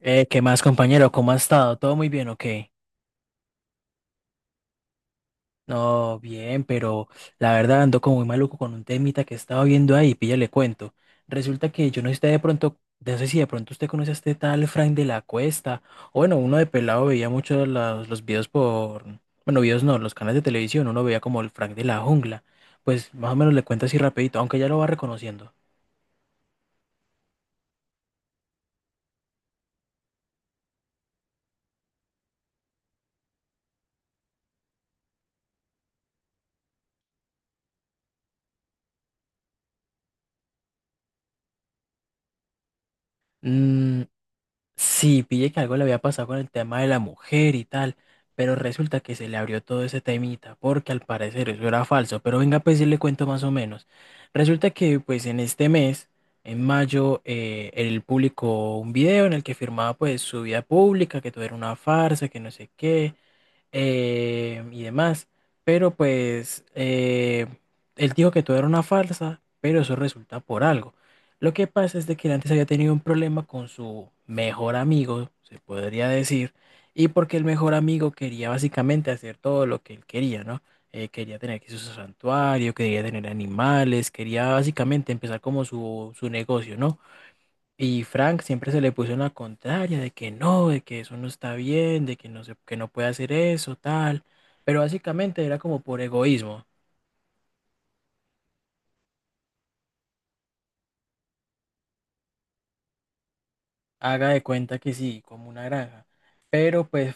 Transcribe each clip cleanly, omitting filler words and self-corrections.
¿Qué más, compañero? ¿Cómo ha estado? ¿Todo muy bien o qué? No, bien, pero la verdad ando como muy maluco con un temita que estaba viendo ahí, píllale cuento. Resulta que yo no sé si de pronto, no sé si de pronto usted conoce a este tal Frank de la Cuesta. O bueno, uno de pelado veía mucho los videos por, bueno, videos no, los canales de televisión, uno veía como el Frank de la Jungla. Pues más o menos le cuento así rapidito, aunque ya lo va reconociendo. Mm, sí, pillé que algo le había pasado con el tema de la mujer y tal, pero resulta que se le abrió todo ese temita, porque al parecer eso era falso, pero venga pues sí le cuento más o menos. Resulta que pues en este mes, en mayo, él publicó un video en el que firmaba pues su vida pública, que todo era una farsa, que no sé qué, y demás. Pero pues él dijo que todo era una farsa, pero eso resulta por algo. Lo que pasa es de que él antes había tenido un problema con su mejor amigo, se podría decir, y porque el mejor amigo quería básicamente hacer todo lo que él quería, ¿no? Quería tener aquí su santuario, quería tener animales, quería básicamente empezar como su negocio, ¿no? Y Frank siempre se le puso en la contraria de que no, de que eso no está bien, de que no se, que no puede hacer eso, tal. Pero básicamente era como por egoísmo. Haga de cuenta que sí, como una granja. Pero pues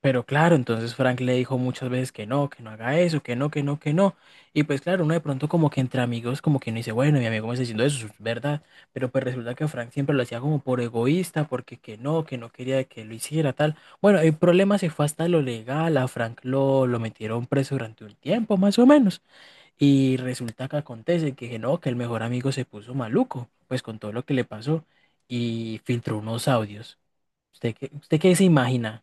pero claro, entonces Frank le dijo muchas veces que no haga eso, que no, que no, que no. Y pues claro, uno de pronto como que entre amigos como que no dice, bueno, mi amigo me está diciendo eso, es verdad. Pero pues resulta que Frank siempre lo hacía como por egoísta, porque que no quería que lo hiciera tal. Bueno, el problema se fue hasta lo legal, a Frank lo metieron preso durante un tiempo más o menos. Y resulta que acontece que no, que el mejor amigo se puso maluco, pues con todo lo que le pasó y filtró unos audios. Usted qué se imagina?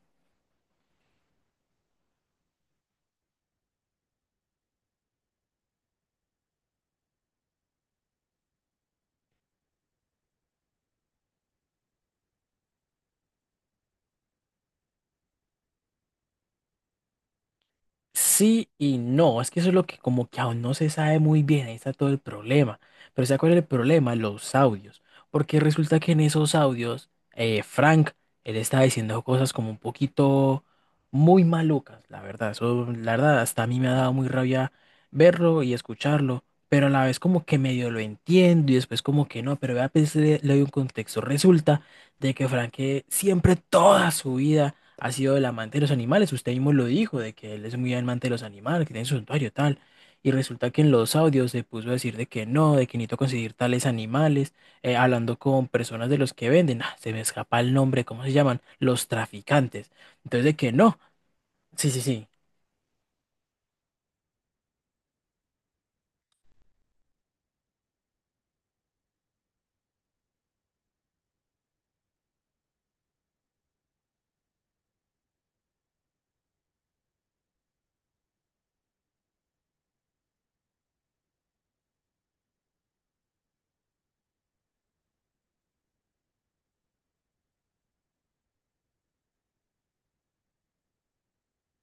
Sí y no, es que eso es lo que como que aún no se sabe muy bien, ahí está todo el problema. Pero ¿se acuerda el problema? Los audios. Porque resulta que en esos audios, Frank, él estaba diciendo cosas como un poquito muy malucas, la verdad. Eso, la verdad, hasta a mí me ha dado muy rabia verlo y escucharlo, pero a la vez como que medio lo entiendo y después como que no, pero vea, pues le, doy un contexto. Resulta de que Frank siempre toda su vida ha sido el amante de los animales. Usted mismo lo dijo, de que él es muy amante de los animales, que tiene su santuario tal. Y resulta que en los audios se puso a decir de que no, de que necesito conseguir tales animales, hablando con personas de los que venden. Ah, se me escapa el nombre, ¿cómo se llaman? Los traficantes. Entonces de que no. Sí, sí, sí.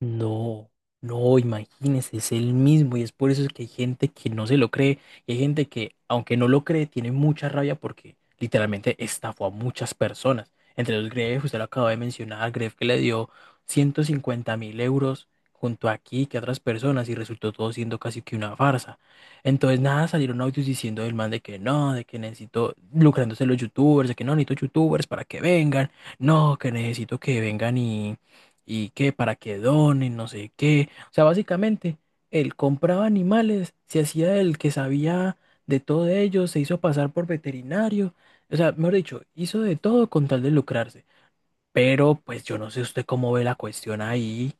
No, no, imagínese, es el mismo y es por eso que hay gente que no se lo cree y hay gente que, aunque no lo cree, tiene mucha rabia porque literalmente estafó a muchas personas. Entre los Greff, usted lo acaba de mencionar, Greff que le dio 150.000 euros junto a aquí que a otras personas y resultó todo siendo casi que una farsa. Entonces, nada, salieron audios diciendo del man de que no, de que necesito lucrándose los youtubers, de que no necesito youtubers para que vengan, no, que necesito que vengan y que para que donen, no sé qué. O sea, básicamente, él compraba animales, se hacía el que sabía de todo de ellos, se hizo pasar por veterinario, o sea, mejor dicho, hizo de todo con tal de lucrarse. Pero pues yo no sé usted cómo ve la cuestión ahí.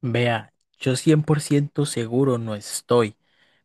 Vea, yo 100% seguro no estoy.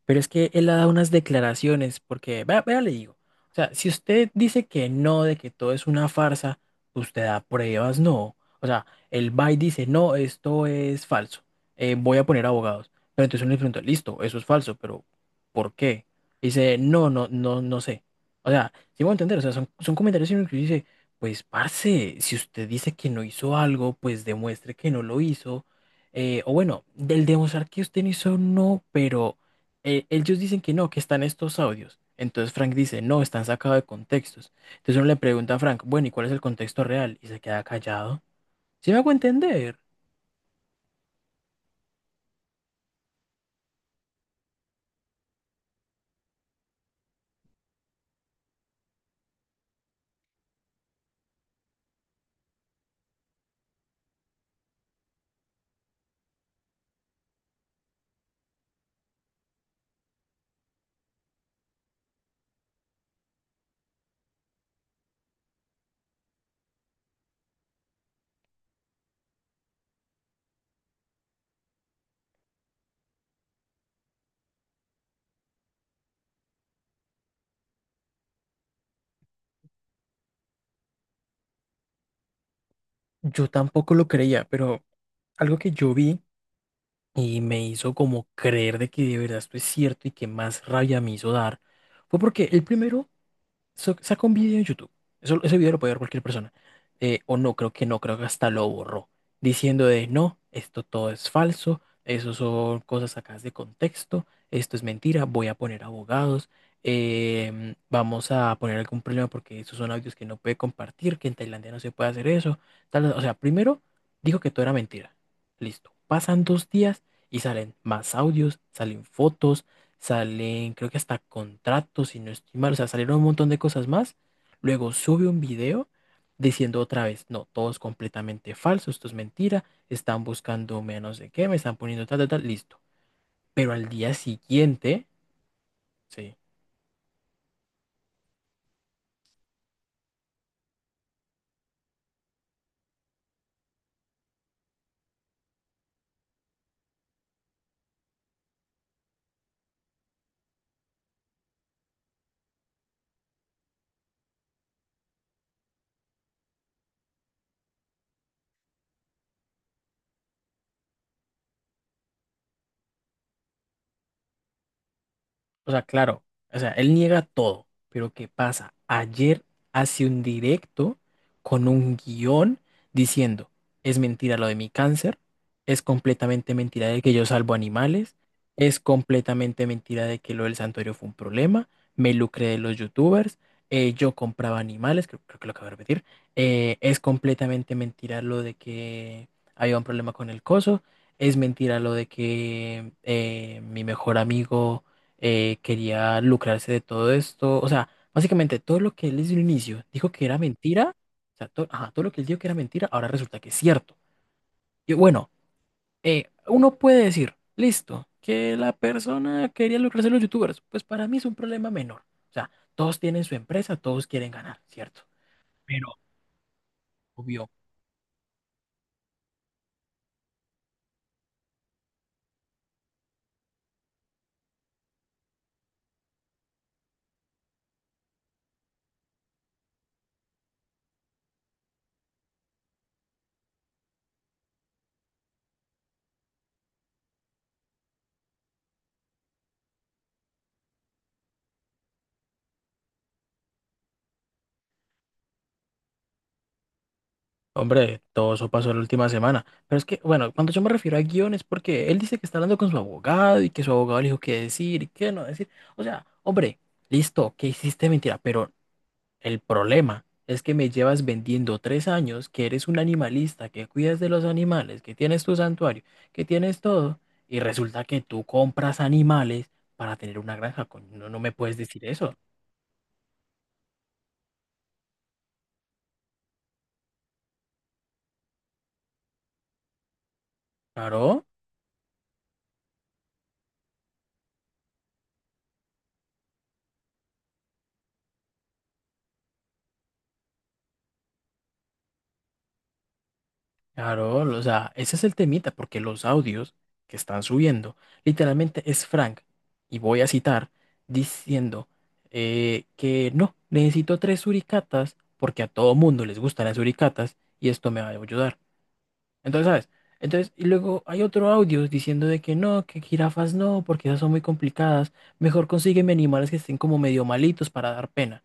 Pero es que él ha dado unas declaraciones, porque, vea, vea, le digo, o sea, si usted dice que no, de que todo es una farsa, usted da pruebas, no. O sea, él va y dice, no, esto es falso, voy a poner abogados. Pero entonces uno le pregunta, listo, eso es falso, pero ¿por qué? Dice, no, no, no, no sé. O sea, sí me voy a entender, o sea, son comentarios en los que uno dice, pues, parce, si usted dice que no hizo algo, pues demuestre que no lo hizo. O bueno, del demostrar que usted no hizo, no, pero ellos dicen que no, que están estos audios. Entonces Frank dice, no, están sacados de contextos. Entonces uno le pregunta a Frank, bueno, ¿y cuál es el contexto real? Y se queda callado. ¿Sí me hago entender? Yo tampoco lo creía, pero algo que yo vi y me hizo como creer de que de verdad esto es cierto y que más rabia me hizo dar fue porque el primero saca un video en YouTube. Eso, ese video lo puede ver cualquier persona. O no, creo que no, creo que hasta lo borró. Diciendo de no, esto todo es falso, eso son cosas sacadas de contexto, esto es mentira, voy a poner abogados, vamos a poner algún problema porque esos son audios que no puede compartir, que en Tailandia no se puede hacer eso. Tal, o sea, primero dijo que todo era mentira. Listo. Pasan 2 días y salen más audios, salen fotos, salen creo que hasta contratos, si no estoy mal, o sea, salieron un montón de cosas más. Luego sube un video diciendo otra vez, no, todo es completamente falso, esto es mentira, están buscando menos de qué, me están poniendo tal, tal, tal, listo. Pero al día siguiente, sí. O sea, claro, o sea, él niega todo, pero ¿qué pasa? Ayer hace un directo con un guión diciendo, es mentira lo de mi cáncer, es completamente mentira de que yo salvo animales, es completamente mentira de que lo del santuario fue un problema, me lucré de los youtubers, yo compraba animales, creo, que lo acabo de repetir, es completamente mentira lo de que había un problema con el coso, es mentira lo de que mi mejor amigo quería lucrarse de todo esto. O sea, básicamente todo lo que él desde un inicio dijo que era mentira, o sea, ajá, todo lo que él dijo que era mentira, ahora resulta que es cierto. Y bueno, uno puede decir, listo, que la persona quería lucrarse de los youtubers. Pues para mí es un problema menor. O sea, todos tienen su empresa, todos quieren ganar, ¿cierto? Pero obvio hombre, todo eso pasó la última semana. Pero es que, bueno, cuando yo me refiero a guión es porque él dice que está hablando con su abogado y que su abogado le dijo qué decir y qué no decir. O sea, hombre, listo, que hiciste mentira, pero el problema es que me llevas vendiendo 3 años, que eres un animalista, que cuidas de los animales, que tienes tu santuario, que tienes todo, y resulta que tú compras animales para tener una granja. Coño, no, no me puedes decir eso. Claro. Claro, o sea, ese es el temita, porque los audios que están subiendo, literalmente es Frank, y voy a citar, diciendo que no, necesito tres suricatas, porque a todo mundo les gustan las suricatas, y esto me va a ayudar. Entonces, ¿sabes? Entonces, y luego hay otro audio diciendo de que no, que jirafas no, porque esas son muy complicadas, mejor consígueme animales que estén como medio malitos para dar pena.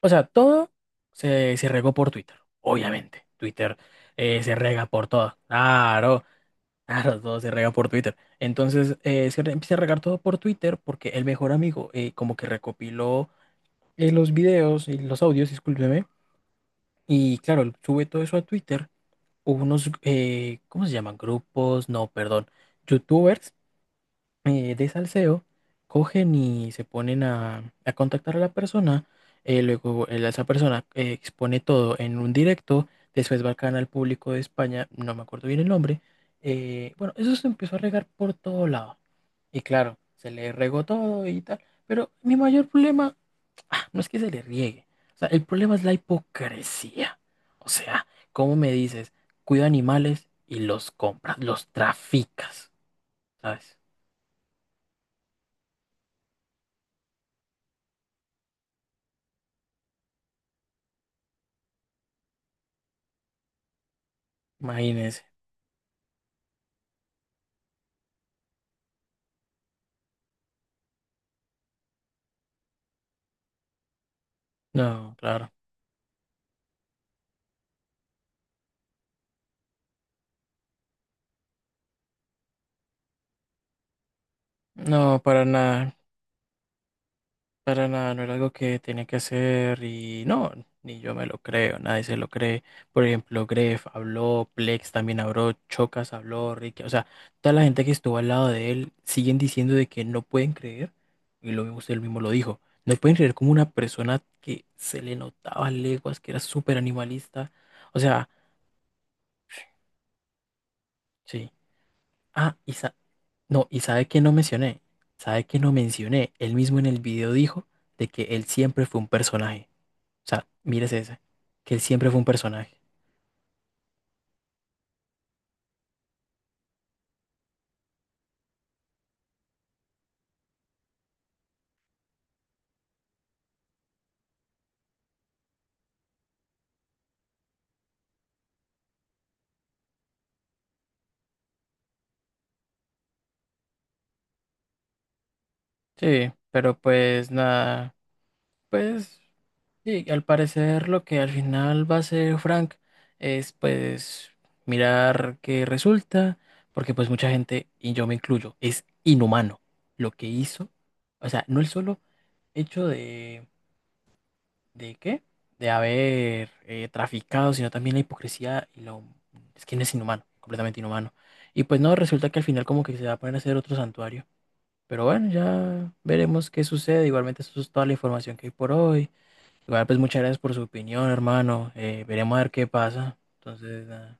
O sea, todo se regó por Twitter, obviamente. Twitter se rega por todo. Claro, claro, todo se rega por Twitter. Entonces, se empieza a regar todo por Twitter porque el mejor amigo como que recopiló los videos y los audios, discúlpeme. Y claro, él sube todo eso a Twitter. Hubo unos, ¿cómo se llaman? Grupos, no, perdón, youtubers de salseo, cogen y se ponen a, contactar a la persona, luego esa persona expone todo en un directo, después va al canal público de España, no me acuerdo bien el nombre, bueno, eso se empezó a regar por todo lado, y claro, se le regó todo y tal, pero mi mayor problema ah, no es que se le riegue, o sea, el problema es la hipocresía, o sea, ¿cómo me dices? Cuida animales y los compras, los traficas, ¿sabes? Imagínense. No, claro. No, para nada, no era algo que tenía que hacer y no, ni yo me lo creo, nadie se lo cree. Por ejemplo, Gref habló, Plex también habló, Chocas habló, Ricky, o sea, toda la gente que estuvo al lado de él siguen diciendo de que no pueden creer, y lo mismo usted mismo lo dijo, no pueden creer como una persona que se le notaba leguas, que era súper animalista, o sea, sí. Ah, y no, y sabe que no mencioné, él mismo en el video dijo de que él siempre fue un personaje. O sea, mírese ese, que él siempre fue un personaje. Sí, pero pues nada, pues sí, al parecer lo que al final va a hacer Frank es pues mirar qué resulta, porque pues mucha gente, y yo me incluyo, es inhumano lo que hizo. O sea, no el solo hecho de ¿de qué? De haber traficado, sino también la hipocresía y lo... Es que no es inhumano, completamente inhumano. Y pues no, resulta que al final como que se va a poner a hacer otro santuario. Pero bueno, ya veremos qué sucede. Igualmente eso es toda la información que hay por hoy. Igual pues muchas gracias por su opinión, hermano. Veremos a ver qué pasa. Entonces, nada,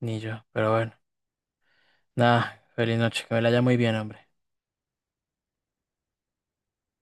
ni yo. Pero bueno, nada, feliz noche. Que me la haya muy bien, hombre.